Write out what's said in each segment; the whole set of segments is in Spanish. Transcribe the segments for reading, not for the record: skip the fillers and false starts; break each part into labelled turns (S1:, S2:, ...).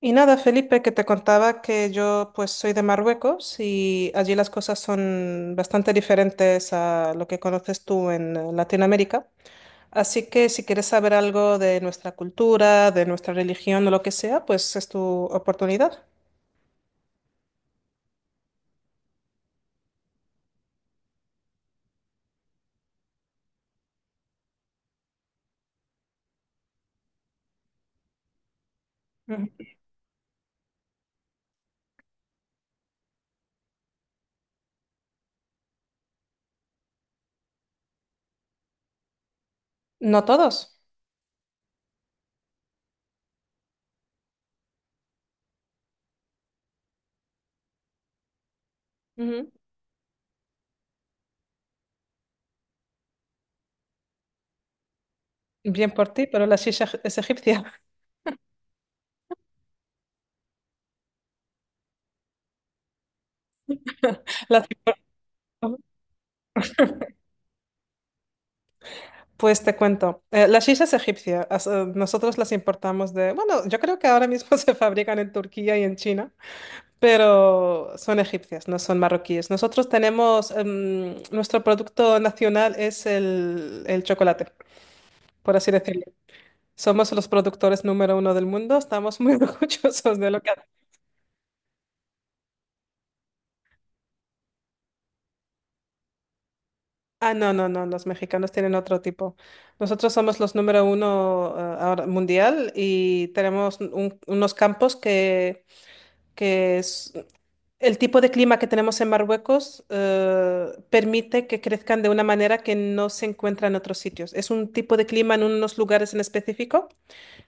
S1: Y nada, Felipe, que te contaba que yo pues soy de Marruecos y allí las cosas son bastante diferentes a lo que conoces tú en Latinoamérica. Así que si quieres saber algo de nuestra cultura, de nuestra religión o lo que sea, pues es tu oportunidad. Ujú. No todos. Ujú. Bien por ti, pero la shisha es egipcia. Las- Pues te cuento. La shisha es egipcia. Nosotros las importamos de... Bueno, yo creo que ahora mismo se fabrican en Turquía y en China. Pero son egipcias, no son marroquíes. Nosotros tenemos, nuestro producto nacional es el chocolate, por así decirlo. Somos los productores número uno del mundo, estamos muy orgullosos de lo que hacemos. Ah, no, no, no, los mexicanos tienen otro tipo. Nosotros somos los número uno, ahora mundial, y tenemos unos campos que, que es- el tipo de clima que tenemos en Marruecos permite que crezcan de una manera que no se encuentra en otros sitios. Es un tipo de clima en unos lugares en específico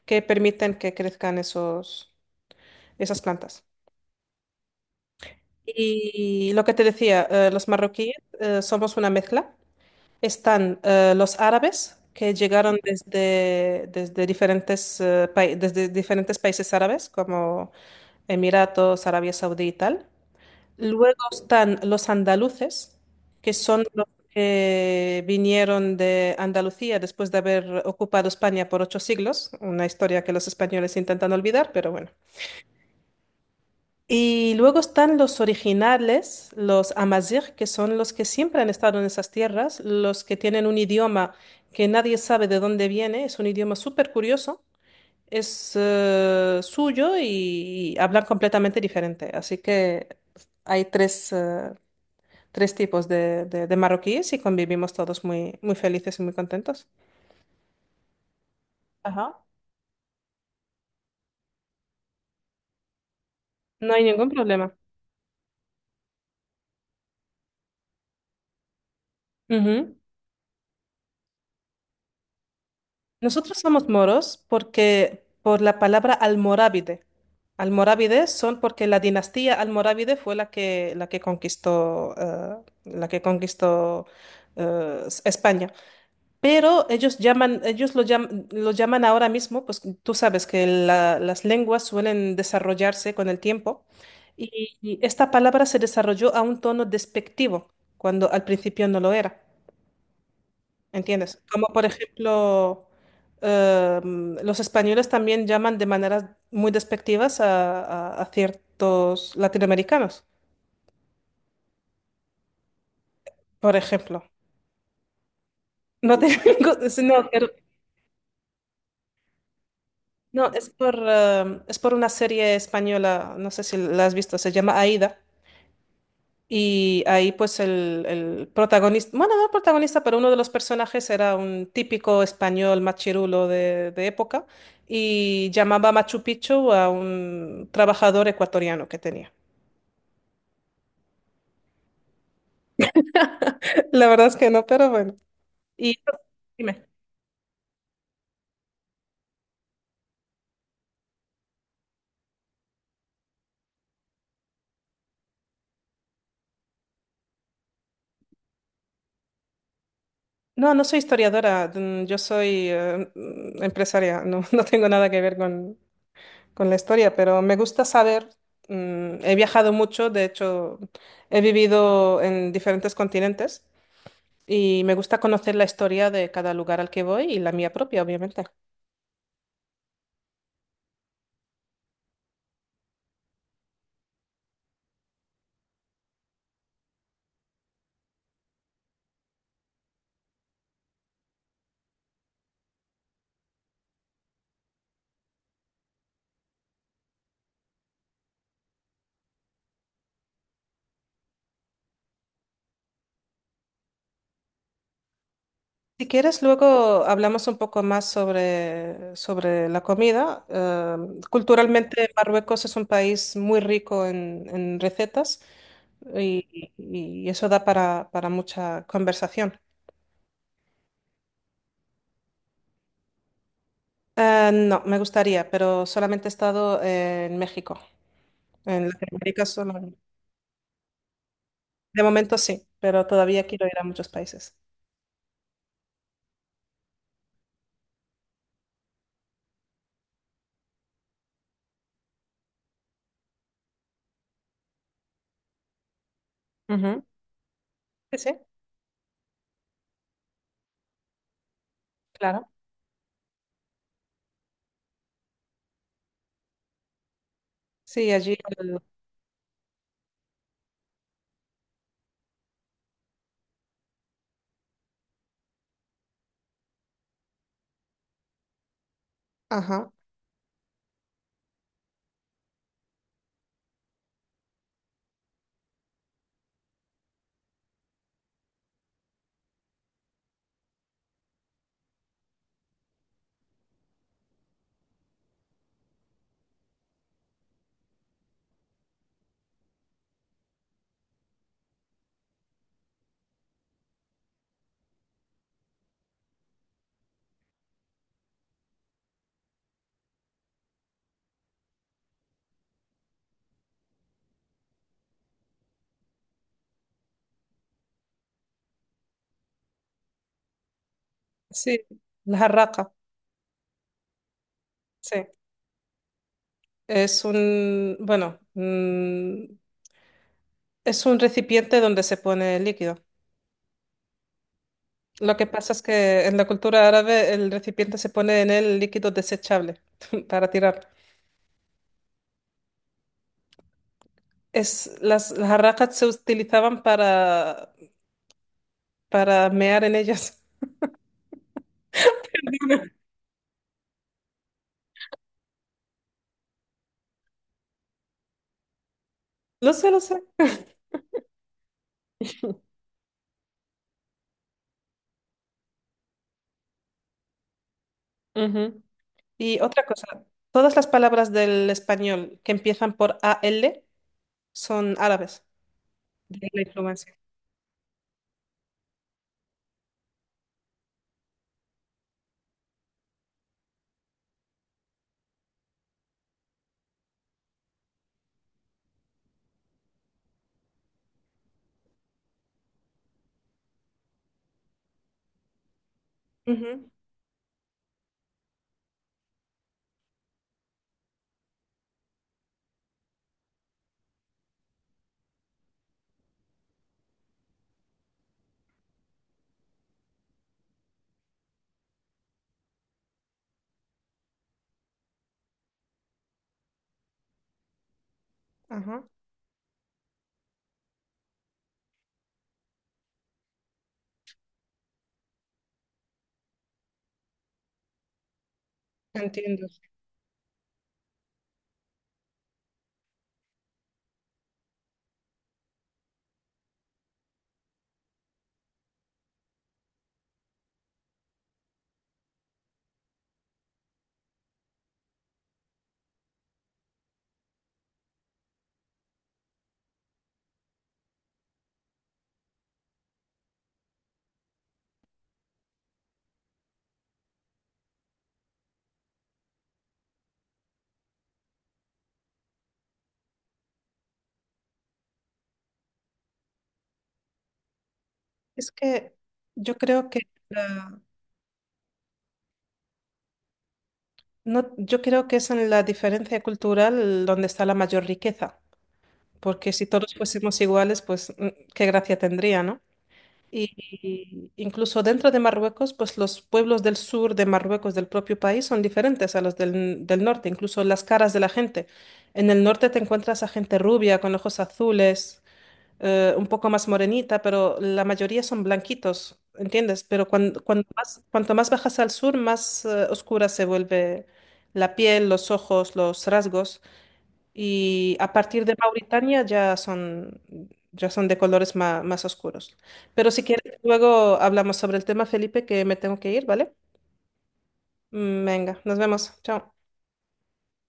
S1: que permiten que crezcan esos, esas plantas. Y lo que te decía, los marroquíes somos una mezcla. Están los árabes que llegaron desde diferentes, desde diferentes países árabes como Emiratos, Arabia Saudí y tal. Luego están los andaluces, que son los que vinieron de Andalucía después de haber ocupado España por ocho siglos, una historia que los españoles intentan olvidar, pero bueno. Y luego están los originales, los amazigh, que son los que siempre han estado en esas tierras, los que tienen un idioma que nadie sabe de dónde viene, es un idioma súper curioso, es suyo y hablan completamente diferente. Así que hay tres, tres tipos de, de marroquíes, y convivimos todos muy, muy felices y muy contentos. Ajá. No hay ningún problema. Ujú. Nosotros somos moros porque por la palabra almorávide. Almorávides son porque la dinastía almorávide fue la que conquistó España. Pero ellos llaman, ellos lo llaman ahora mismo, pues tú sabes que las lenguas suelen desarrollarse con el tiempo, y esta palabra se desarrolló a un tono despectivo cuando al principio no lo era, ¿entiendes? Como por ejemplo, los españoles también llaman de maneras muy despectivas a, a ciertos latinoamericanos, por ejemplo. No tengo, no. No, es por una serie española, no sé si la has visto, se llama Aida. Y ahí pues el protagonista, bueno, no el protagonista, pero uno de los personajes era un típico español machirulo de época, y llamaba Machu Picchu a un trabajador ecuatoriano que tenía. La verdad es que no, pero bueno. Y dime. No, no soy historiadora, yo soy empresaria, no, no tengo nada que ver con la historia, pero me gusta saber, he viajado mucho, de hecho, he vivido en diferentes continentes y me gusta conocer la historia de cada lugar al que voy y la mía propia, obviamente. Si quieres, luego hablamos un poco más sobre, sobre la comida. Culturalmente, Marruecos es un país muy rico en recetas, y eso da para mucha conversación. No, me gustaría, pero solamente he estado en México. En Latinoamérica solo. De momento sí, pero todavía quiero ir a muchos países. Ujú. Sí, sí, claro. Sí, allí. Ajá. Sí, la jarraca. Sí. Es un, bueno, es un recipiente donde se pone el líquido. Lo que pasa es que en la cultura árabe el recipiente se pone en el líquido desechable para tirar. Es, las jarracas se utilizaban para mear en ellas. Lo sé, lo sé. Ujú. Y otra cosa, todas las palabras del español que empiezan por AL son árabes, de la influencia. Ujú, ajá, entiendo. Es que yo creo que la- no, yo creo que es en la diferencia cultural donde está la mayor riqueza, porque si todos fuésemos iguales, pues qué gracia tendría, ¿no? Y incluso dentro de Marruecos, pues los pueblos del sur de Marruecos, del propio país, son diferentes a los del, del norte, incluso las caras de la gente. En el norte te encuentras a gente rubia, con ojos azules, un poco más morenita, pero la mayoría son blanquitos, ¿entiendes? Pero cuanto más bajas al sur, más, oscura se vuelve la piel, los ojos, los rasgos. Y a partir de Mauritania ya son de colores más oscuros. Pero si quieres, luego hablamos sobre el tema, Felipe, que me tengo que ir, ¿vale? Venga, nos vemos. Chao.